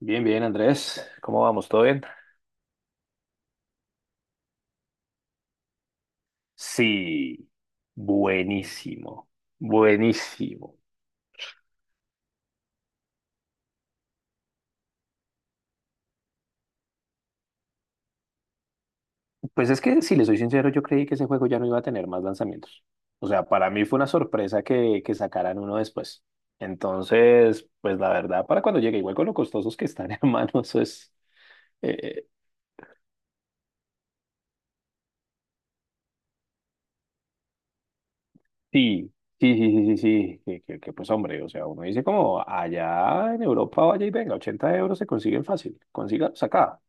Bien, bien, Andrés. ¿Cómo vamos? ¿Todo bien? Sí, buenísimo, buenísimo. Pues es que, si le soy sincero, yo creí que ese juego ya no iba a tener más lanzamientos. O sea, para mí fue una sorpresa que sacaran uno después. Entonces, pues la verdad, para cuando llegue, igual con lo costosos que están, hermano, eso es... eh, eh, sí, sí, sí, sí, sí, sí, pues hombre, o sea, uno dice como, allá en Europa, vaya y venga, 80 euros se consiguen fácil, consígalos acá.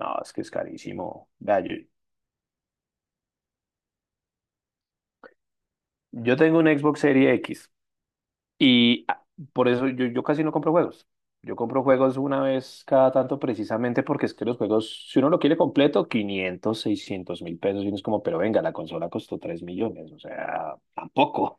No, es que es carísimo. Vea, yo tengo un Xbox Series X y ah, por eso yo casi no compro juegos. Yo compro juegos una vez cada tanto precisamente porque es que los juegos, si uno lo quiere completo, 500, 600 mil pesos y uno es como, pero venga, la consola costó 3 millones, o sea, tampoco.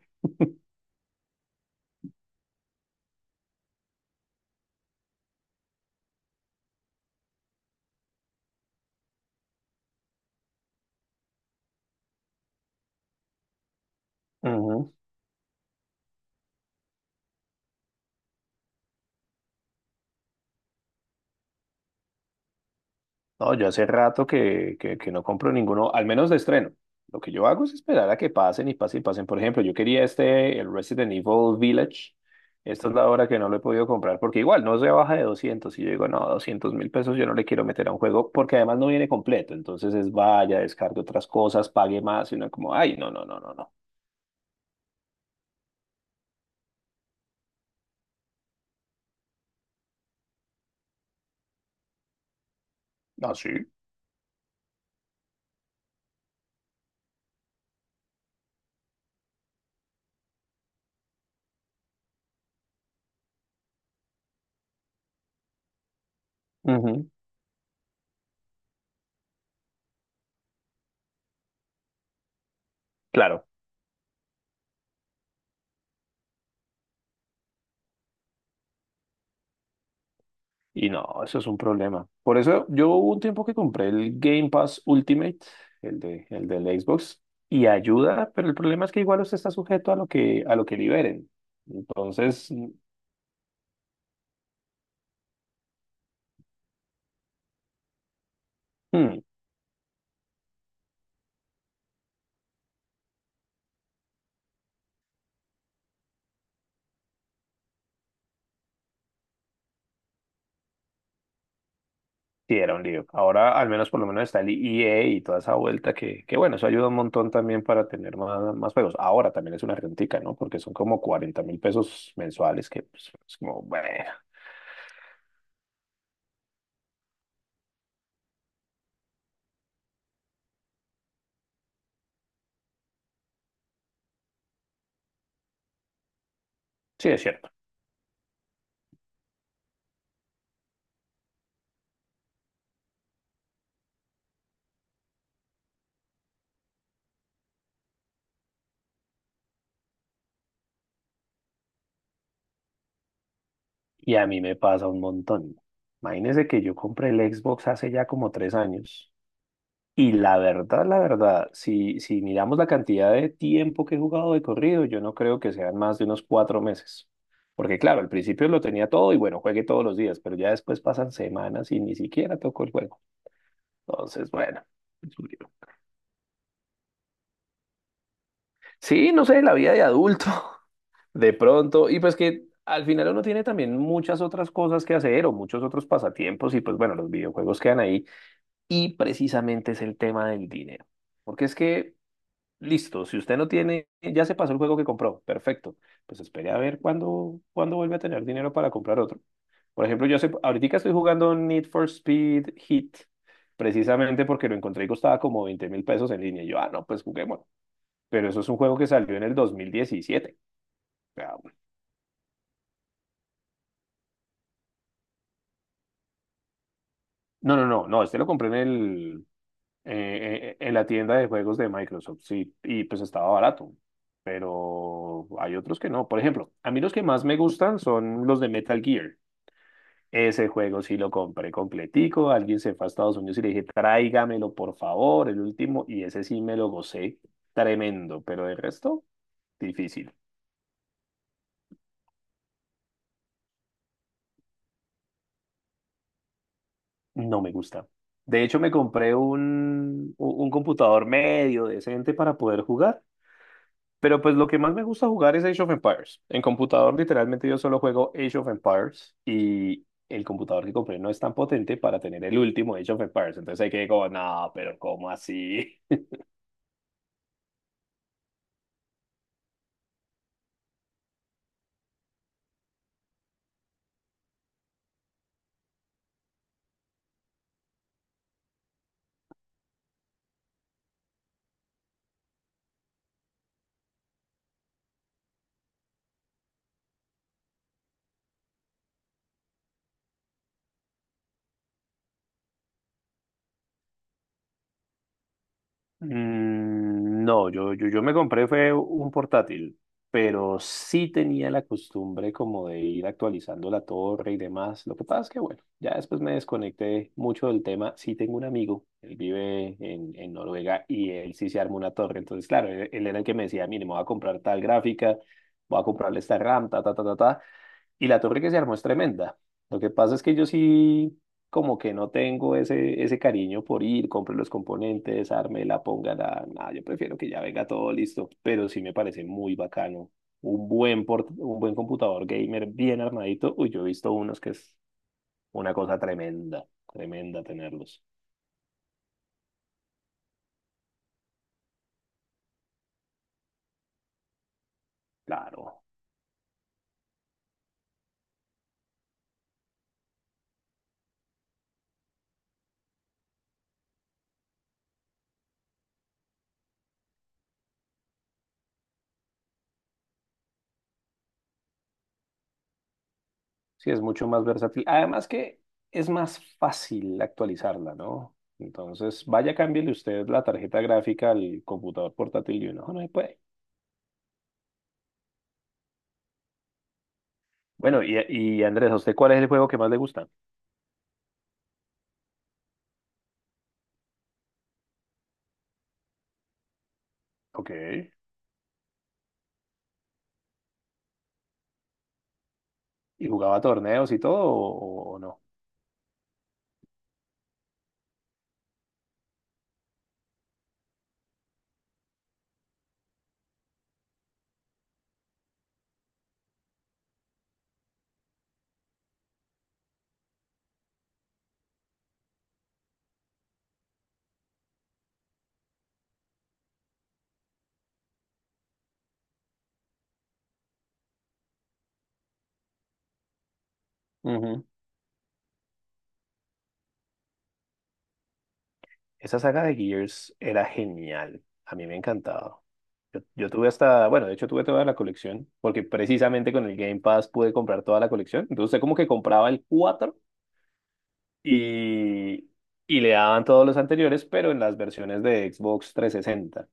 Ujú. No, yo hace rato que no compro ninguno, al menos de estreno. Lo que yo hago es esperar a que pasen y pasen y pasen. Por ejemplo, yo quería este, el Resident Evil Village. Esta es la hora que no lo he podido comprar porque igual no se baja de 200. Y yo digo, no, 200 mil pesos yo no le quiero meter a un juego porque además no viene completo. Entonces es vaya, descargue otras cosas, pague más. Y uno como, ay, no, no, no, no, no. Ah, sí. Ujú. Claro. Y no, eso es un problema. Por eso yo hubo un tiempo que compré el Game Pass Ultimate, el del Xbox, y ayuda, pero el problema es que igual usted está sujeto a lo que liberen. Entonces, hmm, sí era un lío. Ahora al menos por lo menos está el EA y toda esa vuelta que bueno, eso ayuda un montón también para tener más, más juegos. Ahora también es una rentica, ¿no? Porque son como 40 mil pesos mensuales que pues, es como, bueno, sí es cierto. Y a mí me pasa un montón. Imagínese que yo compré el Xbox hace ya como 3 años. Y la verdad, si, si miramos la cantidad de tiempo que he jugado de corrido, yo no creo que sean más de unos 4 meses. Porque claro, al principio lo tenía todo y bueno, juegué todos los días, pero ya después pasan semanas y ni siquiera toco el juego. Entonces, bueno. Es un lío. Sí, no sé, la vida de adulto, de pronto. Y pues que al final uno tiene también muchas otras cosas que hacer o muchos otros pasatiempos y pues bueno, los videojuegos quedan ahí. Y precisamente es el tema del dinero. Porque es que, listo, si usted no tiene, ya se pasó el juego que compró, perfecto. Pues espere a ver cuándo, cuándo vuelve a tener dinero para comprar otro. Por ejemplo, yo sé, ahorita estoy jugando Need for Speed Heat, precisamente porque lo encontré y costaba como 20 mil pesos en línea. Y yo, ah, no, pues juguemos. Pero eso es un juego que salió en el 2017. O sea, no, no, no, no, este lo compré en el en la tienda de juegos de Microsoft, sí, y pues estaba barato, pero hay otros que no. Por ejemplo, a mí los que más me gustan son los de Metal Gear. Ese juego sí lo compré completico, alguien se fue a Estados Unidos y le dije, tráigamelo por favor, el último, y ese sí me lo gocé, tremendo, pero el resto, difícil, no me gusta. De hecho, me compré un, un computador medio decente para poder jugar. Pero pues lo que más me gusta jugar es Age of Empires. En computador literalmente yo solo juego Age of Empires y el computador que compré no es tan potente para tener el último Age of Empires. Entonces hay que como, no, pero ¿cómo así? No, yo me compré fue un portátil, pero sí tenía la costumbre como de ir actualizando la torre y demás. Lo que pasa es que, bueno, ya después me desconecté mucho del tema. Sí tengo un amigo, él vive en Noruega y él sí se armó una torre. Entonces, claro, él era el que me decía, mire, me voy a comprar tal gráfica, voy a comprarle esta RAM, ta, ta, ta, ta, ta. Y la torre que se armó es tremenda. Lo que pasa es que yo sí, como que no tengo ese cariño por ir, compre los componentes, la, ponga la, nada, yo prefiero que ya venga todo listo. Pero sí me parece muy bacano. Un buen, un buen computador gamer bien armadito. Uy, yo he visto unos que es una cosa tremenda, tremenda tenerlos. Claro. Sí, es mucho más versátil. Además que es más fácil actualizarla, ¿no? Entonces, vaya, cámbiele usted la tarjeta gráfica al computador portátil y uno "Oh, no se puede". Bueno, y Andrés, ¿a usted cuál es el juego que más le gusta? Ok. ¿Y jugaba torneos y todo o no? Ujú. Esa saga de Gears era genial. A mí me encantaba. Yo tuve hasta, bueno, de hecho tuve toda la colección, porque precisamente con el Game Pass pude comprar toda la colección. Entonces, usted como que compraba el 4. Y, y le daban todos los anteriores, pero en las versiones de Xbox 360.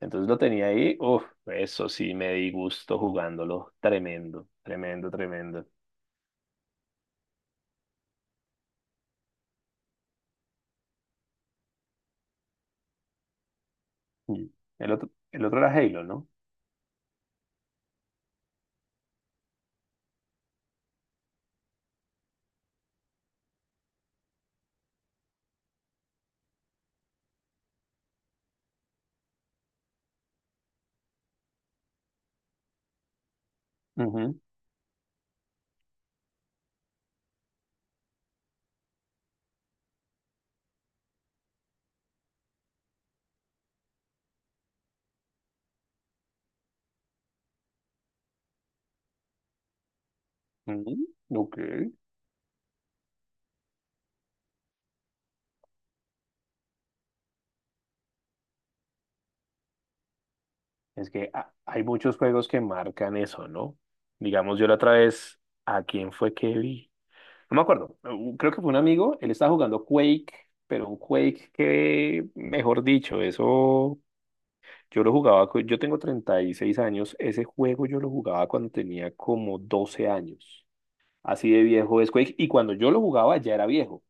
Entonces lo tenía ahí, uff, eso sí me di gusto jugándolo, tremendo, tremendo, tremendo. Mm. El otro era Halo, ¿no? Ujú, ujú. Ok. Es que hay muchos juegos que marcan eso, ¿no? Digamos, yo la otra vez, ¿a quién fue que vi? No me acuerdo, creo que fue un amigo, él estaba jugando Quake, pero un Quake que, mejor dicho, eso. Yo lo jugaba, yo tengo 36 años, ese juego yo lo jugaba cuando tenía como 12 años, así de viejo es Quake, y cuando yo lo jugaba ya era viejo.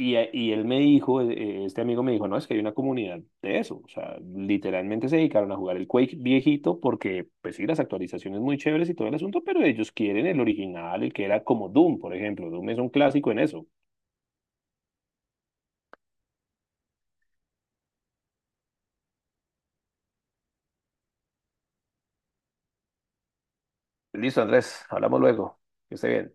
Y él me dijo, este amigo me dijo, no, es que hay una comunidad de eso, o sea, literalmente se dedicaron a jugar el Quake viejito porque, pues sí, las actualizaciones muy chéveres y todo el asunto, pero ellos quieren el original, el que era como Doom, por ejemplo, Doom es un clásico en eso. Listo, Andrés, hablamos luego, que esté bien.